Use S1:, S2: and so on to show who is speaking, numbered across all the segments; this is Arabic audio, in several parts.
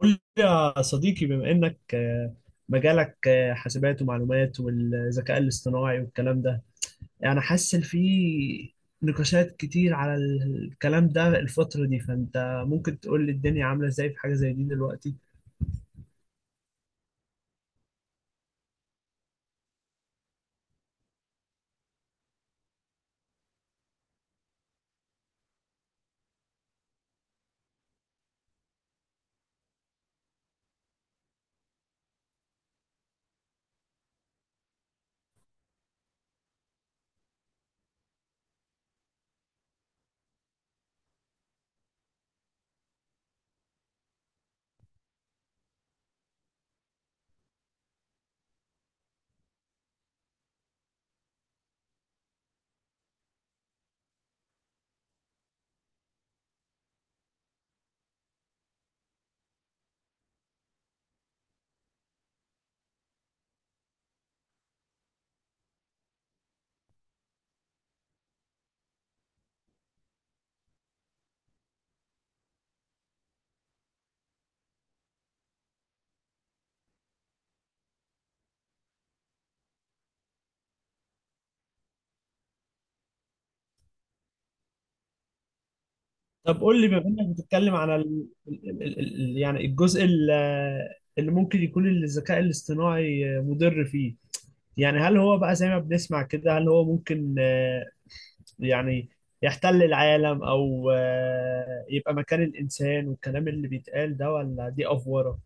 S1: قول لي يا صديقي بما انك مجالك حاسبات ومعلومات والذكاء الاصطناعي والكلام ده، يعني حاسس إن في نقاشات كتير على الكلام ده الفترة دي. فانت ممكن تقول لي الدنيا عاملة ازاي في حاجة زي دي دلوقتي؟ طب قول لي، بما انك بتتكلم على يعني الجزء اللي ممكن يكون الذكاء الاصطناعي مضر فيه. يعني هل هو بقى زي ما بنسمع كده، هل هو ممكن، يعني، يحتل العالم او يبقى مكان الانسان، والكلام اللي بيتقال ده ولا دي افوره؟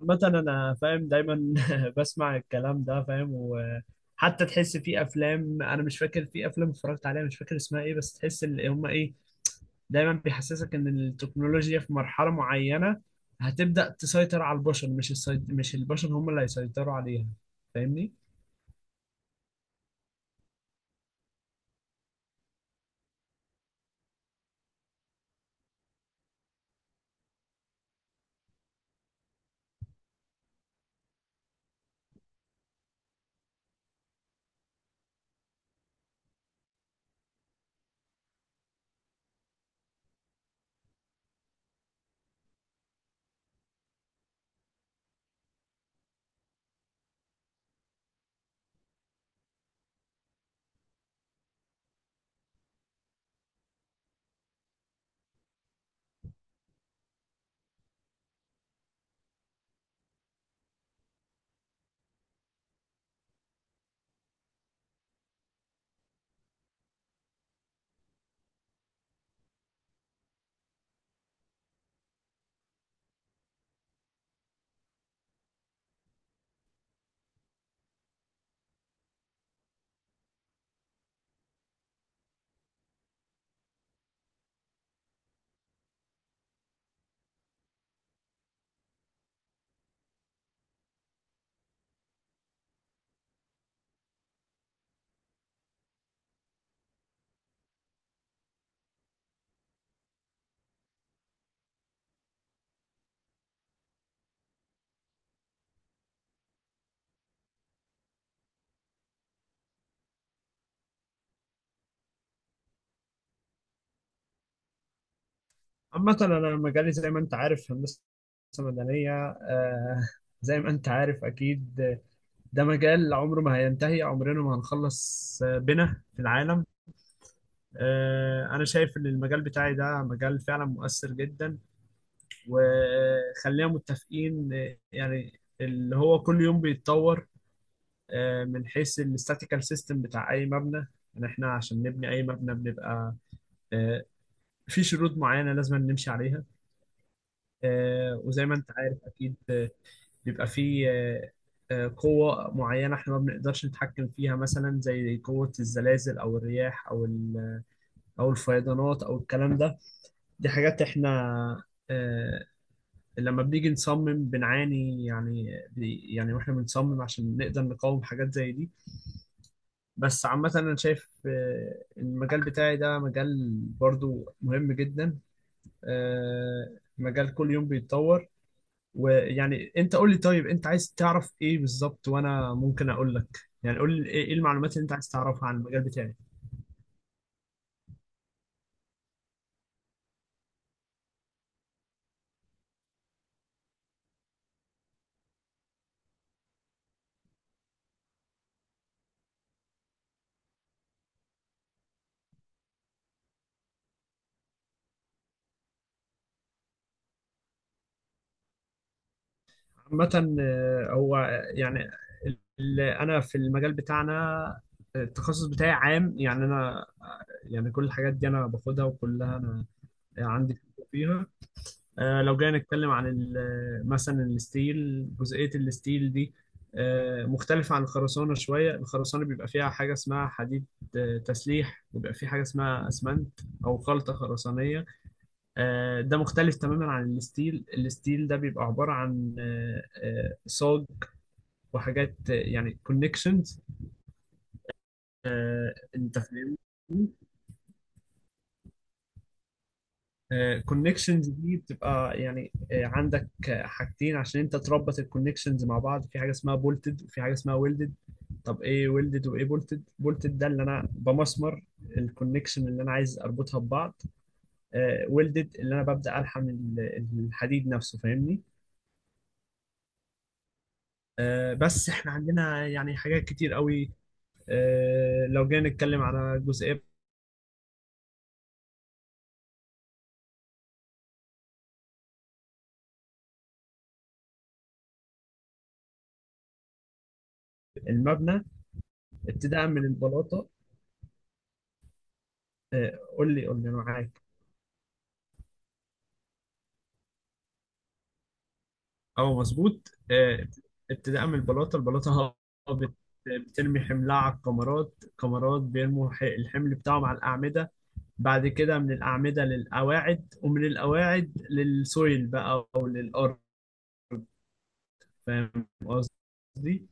S1: عامه انا فاهم، دايما بسمع الكلام ده، فاهم. وحتى تحس في افلام، انا مش فاكر في افلام اتفرجت عليها مش فاكر اسمها ايه، بس تحس ان هم ايه، دايما بيحسسك ان التكنولوجيا في مرحله معينه هتبدا تسيطر على البشر، مش مش البشر هم اللي هيسيطروا عليها. فاهمني؟ عامة أنا مجالي زي ما أنت عارف هندسة مدنية. زي ما أنت عارف أكيد، ده مجال عمره ما هينتهي، عمرنا ما هنخلص بنا في العالم. أنا شايف إن المجال بتاعي ده مجال فعلا مؤثر جدا، وخلينا متفقين، يعني اللي هو كل يوم بيتطور من حيث الاستاتيكال سيستم بتاع أي مبنى. يعني إحنا عشان نبني أي مبنى بنبقى آه في شروط معينة لازم نمشي عليها. وزي ما أنت عارف أكيد بيبقى فيه قوة معينة احنا ما بنقدرش نتحكم فيها، مثلا زي قوة الزلازل أو الرياح أو أو الفيضانات أو الكلام ده. دي حاجات احنا آه، لما بنيجي نصمم بنعاني، يعني يعني واحنا بنصمم عشان نقدر نقاوم حاجات زي دي. بس عامة أنا شايف المجال بتاعي ده مجال برضو مهم جدا، مجال كل يوم بيتطور. ويعني انت قول لي، طيب انت عايز تعرف ايه بالظبط وانا ممكن اقول لك. يعني قول لي ايه، المعلومات اللي انت عايز تعرفها عن المجال بتاعي. عامة هو، يعني اللي انا في المجال بتاعنا، التخصص بتاعي عام. يعني انا يعني كل الحاجات دي انا باخدها وكلها انا عندي خبرة فيها. لو جينا نتكلم عن مثلا الستيل، جزئية الستيل دي مختلفة عن الخرسانة شوية. الخرسانة بيبقى فيها حاجة اسمها حديد تسليح، وبيبقى فيه حاجة اسمها أسمنت أو خلطة خرسانية. ده مختلف تماما عن الستيل. الستيل ده بيبقى عبارة عن صاج، وحاجات يعني كونكشنز. أنت فاهم؟ كونكشنز دي بتبقى يعني عندك حاجتين عشان انت تربط الكونكشنز مع بعض، في حاجه اسمها بولتد وفي حاجه اسمها ويلدد. طب ايه ويلدد وايه بولتد؟ بولتد ده اللي انا بمسمر الكونكشن اللي انا عايز اربطها ببعض. ويلدد اللي انا ببدا الحم الحديد نفسه. فاهمني؟ بس احنا عندنا يعني حاجات كتير قوي. لو جينا نتكلم على جزئيه المبنى، ابتداء من البلاطه، قول لي قول لي انا معاك. اه مظبوط. ابتداء من البلاطه، البلاطه بت- بترمي حملها على الكمرات، الكمرات بيرموا الحمل بتاعهم على الاعمده، بعد كده من الاعمده للقواعد ومن القواعد للسويل بقى او للارض. فاهم قصدي؟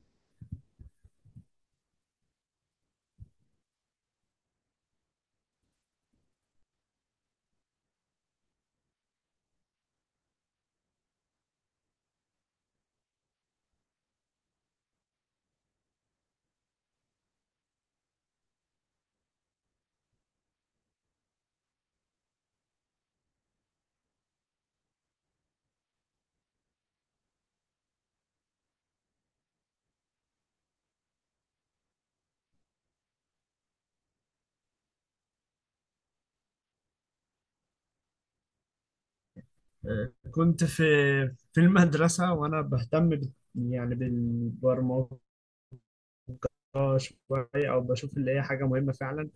S1: كنت في المدرسه وانا بهتم يعني بالبرمجه شويه، او بشوف اللي هي حاجه مهمه فعلا.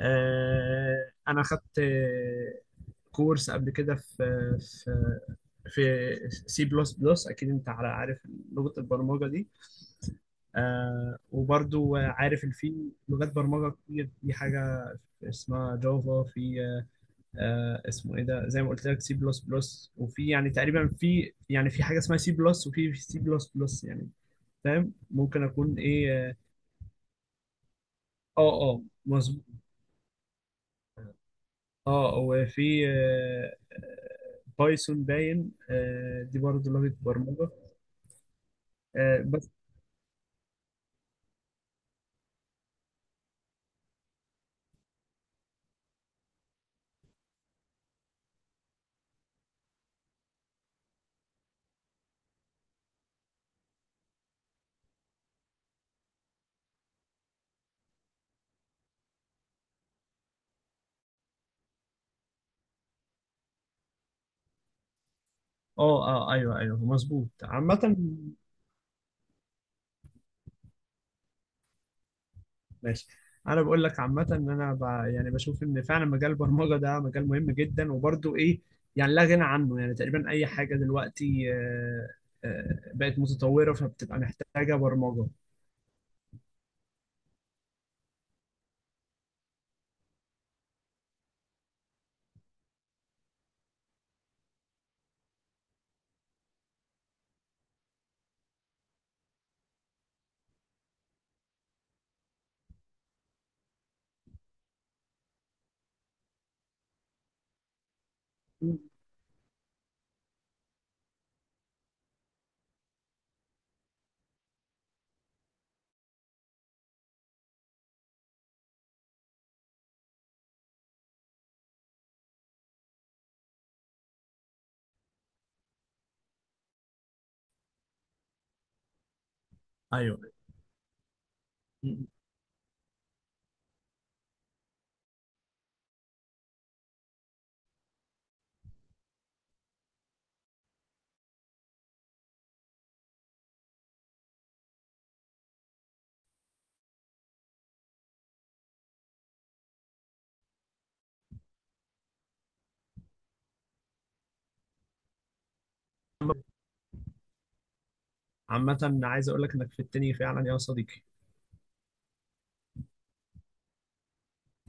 S1: انا خدت كورس قبل كده في في سي بلس بلس، اكيد انت على عارف لغه البرمجه دي. وبرضو عارف ان في لغات برمجه كتير، في حاجه اسمها جافا، في اسمه ايه ده، زي ما قلت لك سي بلس بلس، وفي يعني تقريبا، في يعني في حاجه اسمها سي بلس وفي سي بلس بلس يعني. فاهم ممكن اكون ايه. اه اه مظبوط. اه وفي بايثون، باين، دي برضه لغه برمجه بس. اه اه، ايوه ايوه مظبوط. عامه، ماشي. انا بقول لك عامه ان انا يعني بشوف ان فعلا مجال البرمجه ده مجال مهم جدا، وبرضه ايه، يعني لا غنى عنه. يعني تقريبا اي حاجه دلوقتي بقت متطوره، فبتبقى محتاجه برمجه. ايوه، عامه عايز اقول لك انك في التاني فعلا يا صديقي.